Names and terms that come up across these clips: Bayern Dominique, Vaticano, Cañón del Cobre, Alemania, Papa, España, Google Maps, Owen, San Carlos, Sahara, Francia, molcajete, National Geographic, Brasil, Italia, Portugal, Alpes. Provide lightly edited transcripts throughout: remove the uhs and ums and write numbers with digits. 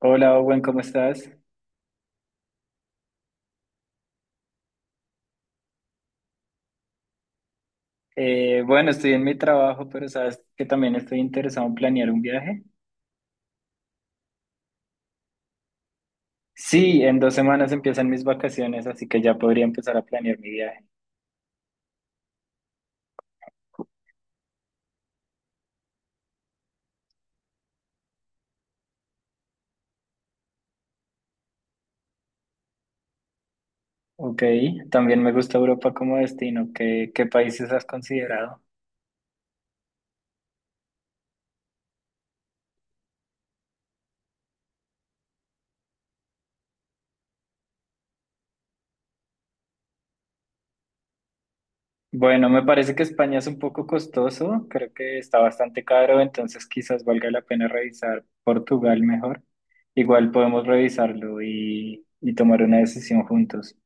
Hola, Owen, ¿cómo estás? Bueno, estoy en mi trabajo, pero sabes que también estoy interesado en planear un viaje. Sí, en 2 semanas empiezan mis vacaciones, así que ya podría empezar a planear mi viaje. Ok, también me gusta Europa como destino. ¿Qué países has considerado? Bueno, me parece que España es un poco costoso, creo que está bastante caro, entonces quizás valga la pena revisar Portugal mejor. Igual podemos revisarlo y tomar una decisión juntos.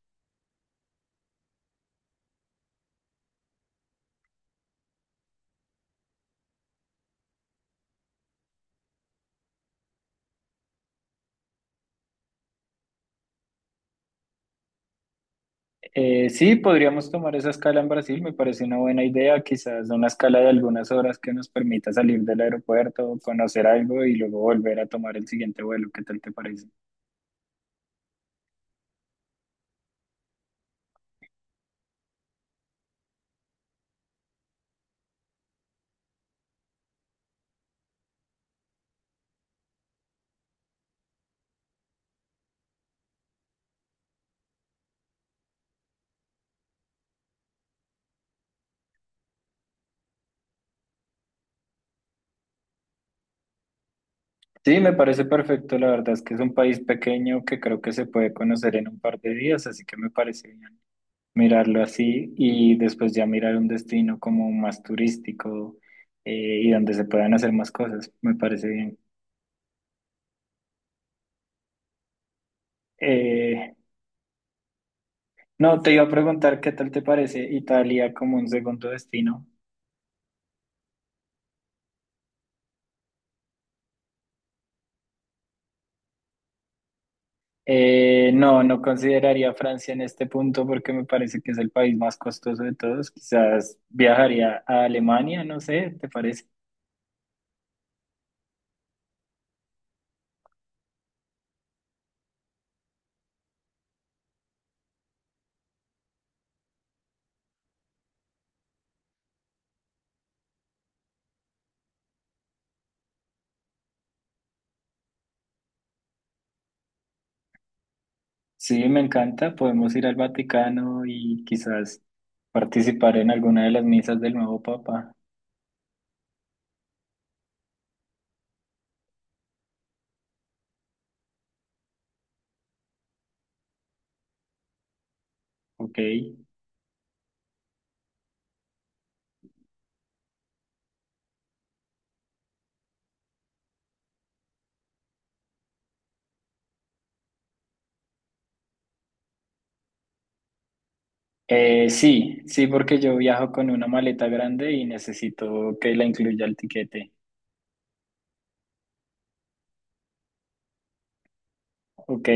Sí, podríamos tomar esa escala en Brasil, me parece una buena idea, quizás una escala de algunas horas que nos permita salir del aeropuerto, conocer algo y luego volver a tomar el siguiente vuelo, ¿qué tal te parece? Sí, me parece perfecto, la verdad es que es un país pequeño que creo que se puede conocer en un par de días, así que me parece bien mirarlo así y después ya mirar un destino como más turístico y donde se puedan hacer más cosas, me parece bien. Eh, No, te iba a preguntar qué tal te parece Italia como un segundo destino. No, no consideraría Francia en este punto porque me parece que es el país más costoso de todos. Quizás viajaría a Alemania, no sé, ¿te parece? Sí, me encanta. Podemos ir al Vaticano y quizás participar en alguna de las misas del nuevo Papa. Ok. Sí, sí, porque yo viajo con una maleta grande y necesito que la incluya el tiquete. Ok,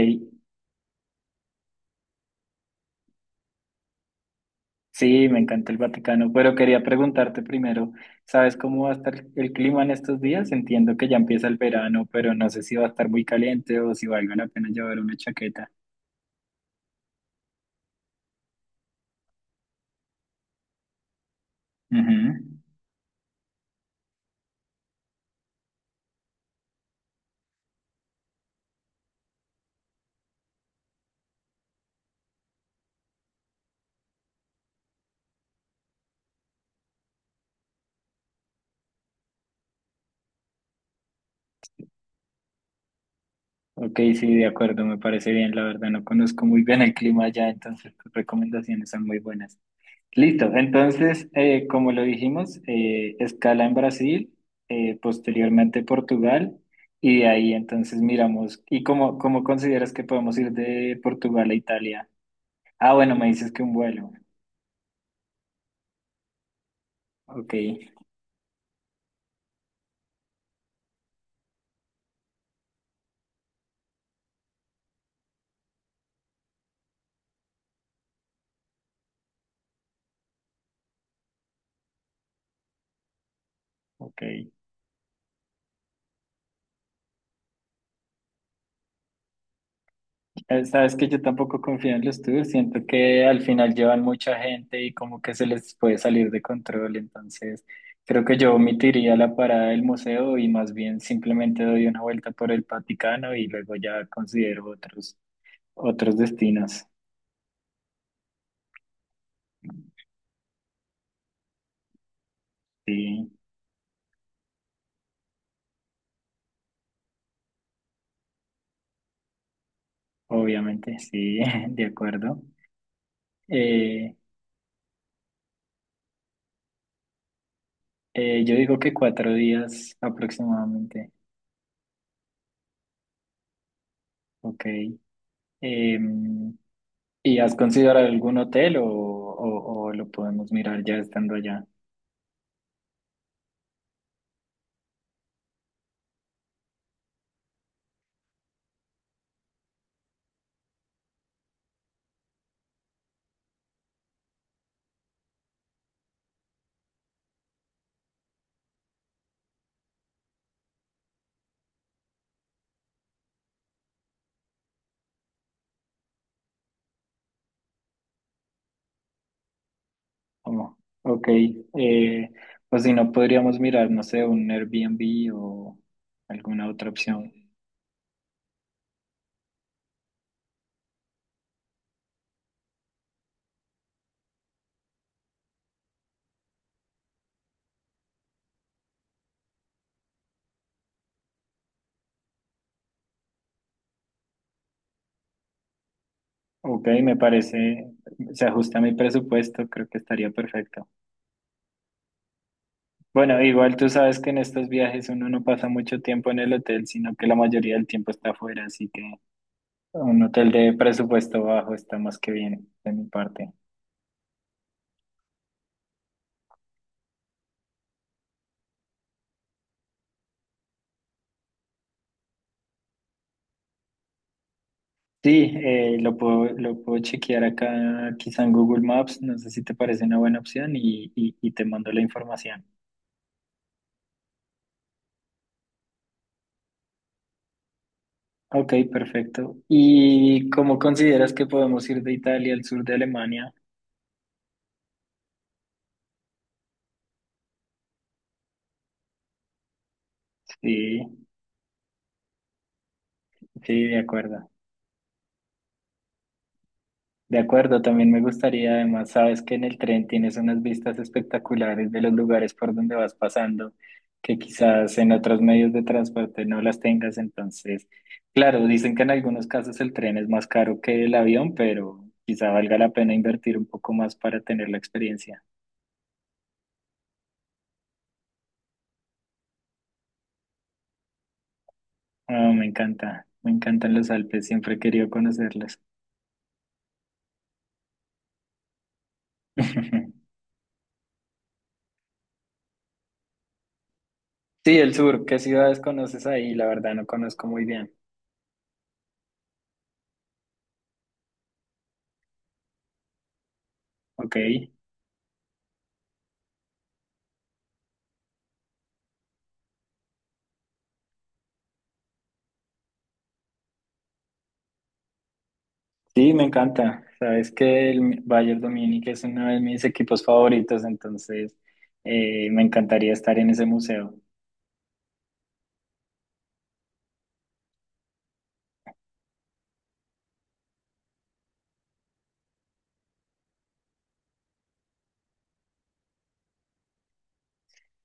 sí, me encanta el Vaticano, pero quería preguntarte primero, ¿sabes cómo va a estar el clima en estos días? Entiendo que ya empieza el verano, pero no sé si va a estar muy caliente o si valga la pena llevar una chaqueta. Ujú. Ok, sí, de acuerdo, me parece bien, la verdad no conozco muy bien el clima allá, entonces tus recomendaciones son muy buenas. Listo, entonces, como lo dijimos, escala en Brasil, posteriormente Portugal, y de ahí entonces miramos, ¿y cómo consideras que podemos ir de Portugal a Italia? Ah, bueno, me dices que un vuelo. Ok, ok. Sabes que yo tampoco confío en los tours, siento que al final llevan mucha gente y como que se les puede salir de control, entonces creo que yo omitiría la parada del museo y más bien simplemente doy una vuelta por el Vaticano y luego ya considero otros, otros destinos. Sí, obviamente, sí, de acuerdo. Eh, yo digo que 4 días aproximadamente, ok. Em, ¿y has considerado algún hotel o lo podemos mirar ya estando allá? Como, ok, eh, o si no, podríamos mirar, no sé, un Airbnb o alguna otra opción. Ok, me parece, se ajusta a mi presupuesto, creo que estaría perfecto. Bueno, igual tú sabes que en estos viajes uno no pasa mucho tiempo en el hotel, sino que la mayoría del tiempo está afuera, así que un hotel de presupuesto bajo está más que bien de mi parte. Sí, lo puedo chequear acá, quizá en Google Maps, no sé si te parece una buena opción y te mando la información. Ok, perfecto. ¿Y cómo consideras que podemos ir de Italia al sur de Alemania? Sí, sí, de acuerdo. De acuerdo, también me gustaría, además, sabes que en el tren tienes unas vistas espectaculares de los lugares por donde vas pasando, que quizás en otros medios de transporte no las tengas. Entonces, claro, dicen que en algunos casos el tren es más caro que el avión, pero quizá valga la pena invertir un poco más para tener la experiencia. Ah, me encanta, me encantan los Alpes, siempre he querido conocerlos. Sí, el sur, ¿qué ciudades conoces ahí? La verdad no conozco muy bien. Ok. Sí, me encanta. Sabes que el Bayern Dominique es uno de mis equipos favoritos, entonces me encantaría estar en ese museo.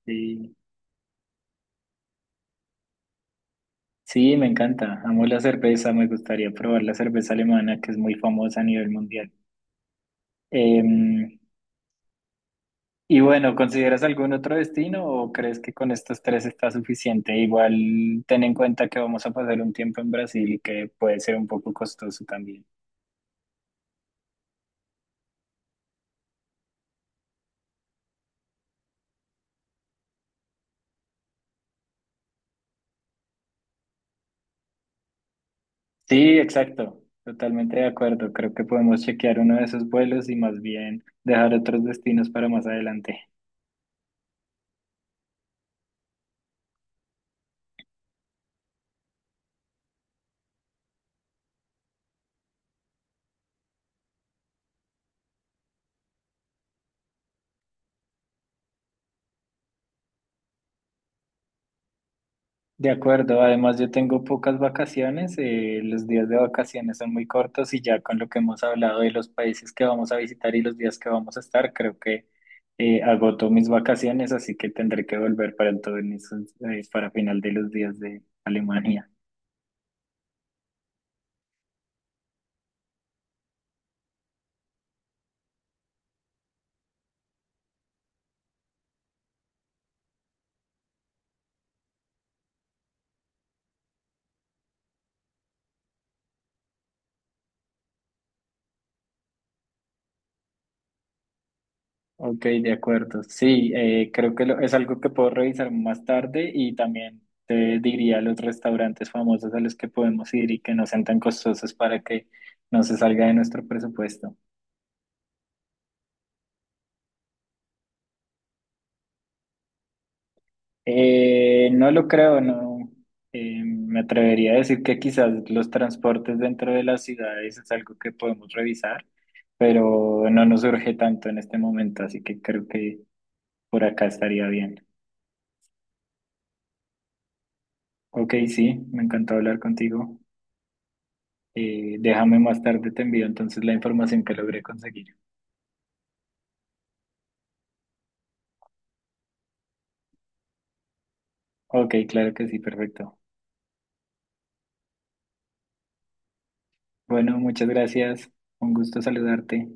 Sí, sí, me encanta. Amo la cerveza, me gustaría probar la cerveza alemana, que es muy famosa a nivel mundial. Em, y bueno, ¿consideras algún otro destino o crees que con estos tres está suficiente? Igual ten en cuenta que vamos a pasar un tiempo en Brasil y que puede ser un poco costoso también. Sí, exacto. Totalmente de acuerdo. Creo que podemos chequear uno de esos vuelos y más bien dejar otros destinos para más adelante. De acuerdo. Además, yo tengo pocas vacaciones. Los días de vacaciones son muy cortos y ya con lo que hemos hablado de los países que vamos a visitar y los días que vamos a estar, creo que agoto mis vacaciones, así que tendré que volver para entonces, para final de los días de Alemania. Ok, de acuerdo. Sí, creo que es algo que puedo revisar más tarde y también te diría los restaurantes famosos a los que podemos ir y que no sean tan costosos para que no se salga de nuestro presupuesto. No lo creo, no. Me atrevería a decir que quizás los transportes dentro de las ciudades es algo que podemos revisar, pero no nos urge tanto en este momento, así que creo que por acá estaría bien. Ok, sí, me encantó hablar contigo. Déjame más tarde, te envío entonces la información que logré conseguir. Ok, claro que sí, perfecto. Bueno, muchas gracias. Un gusto saludarte.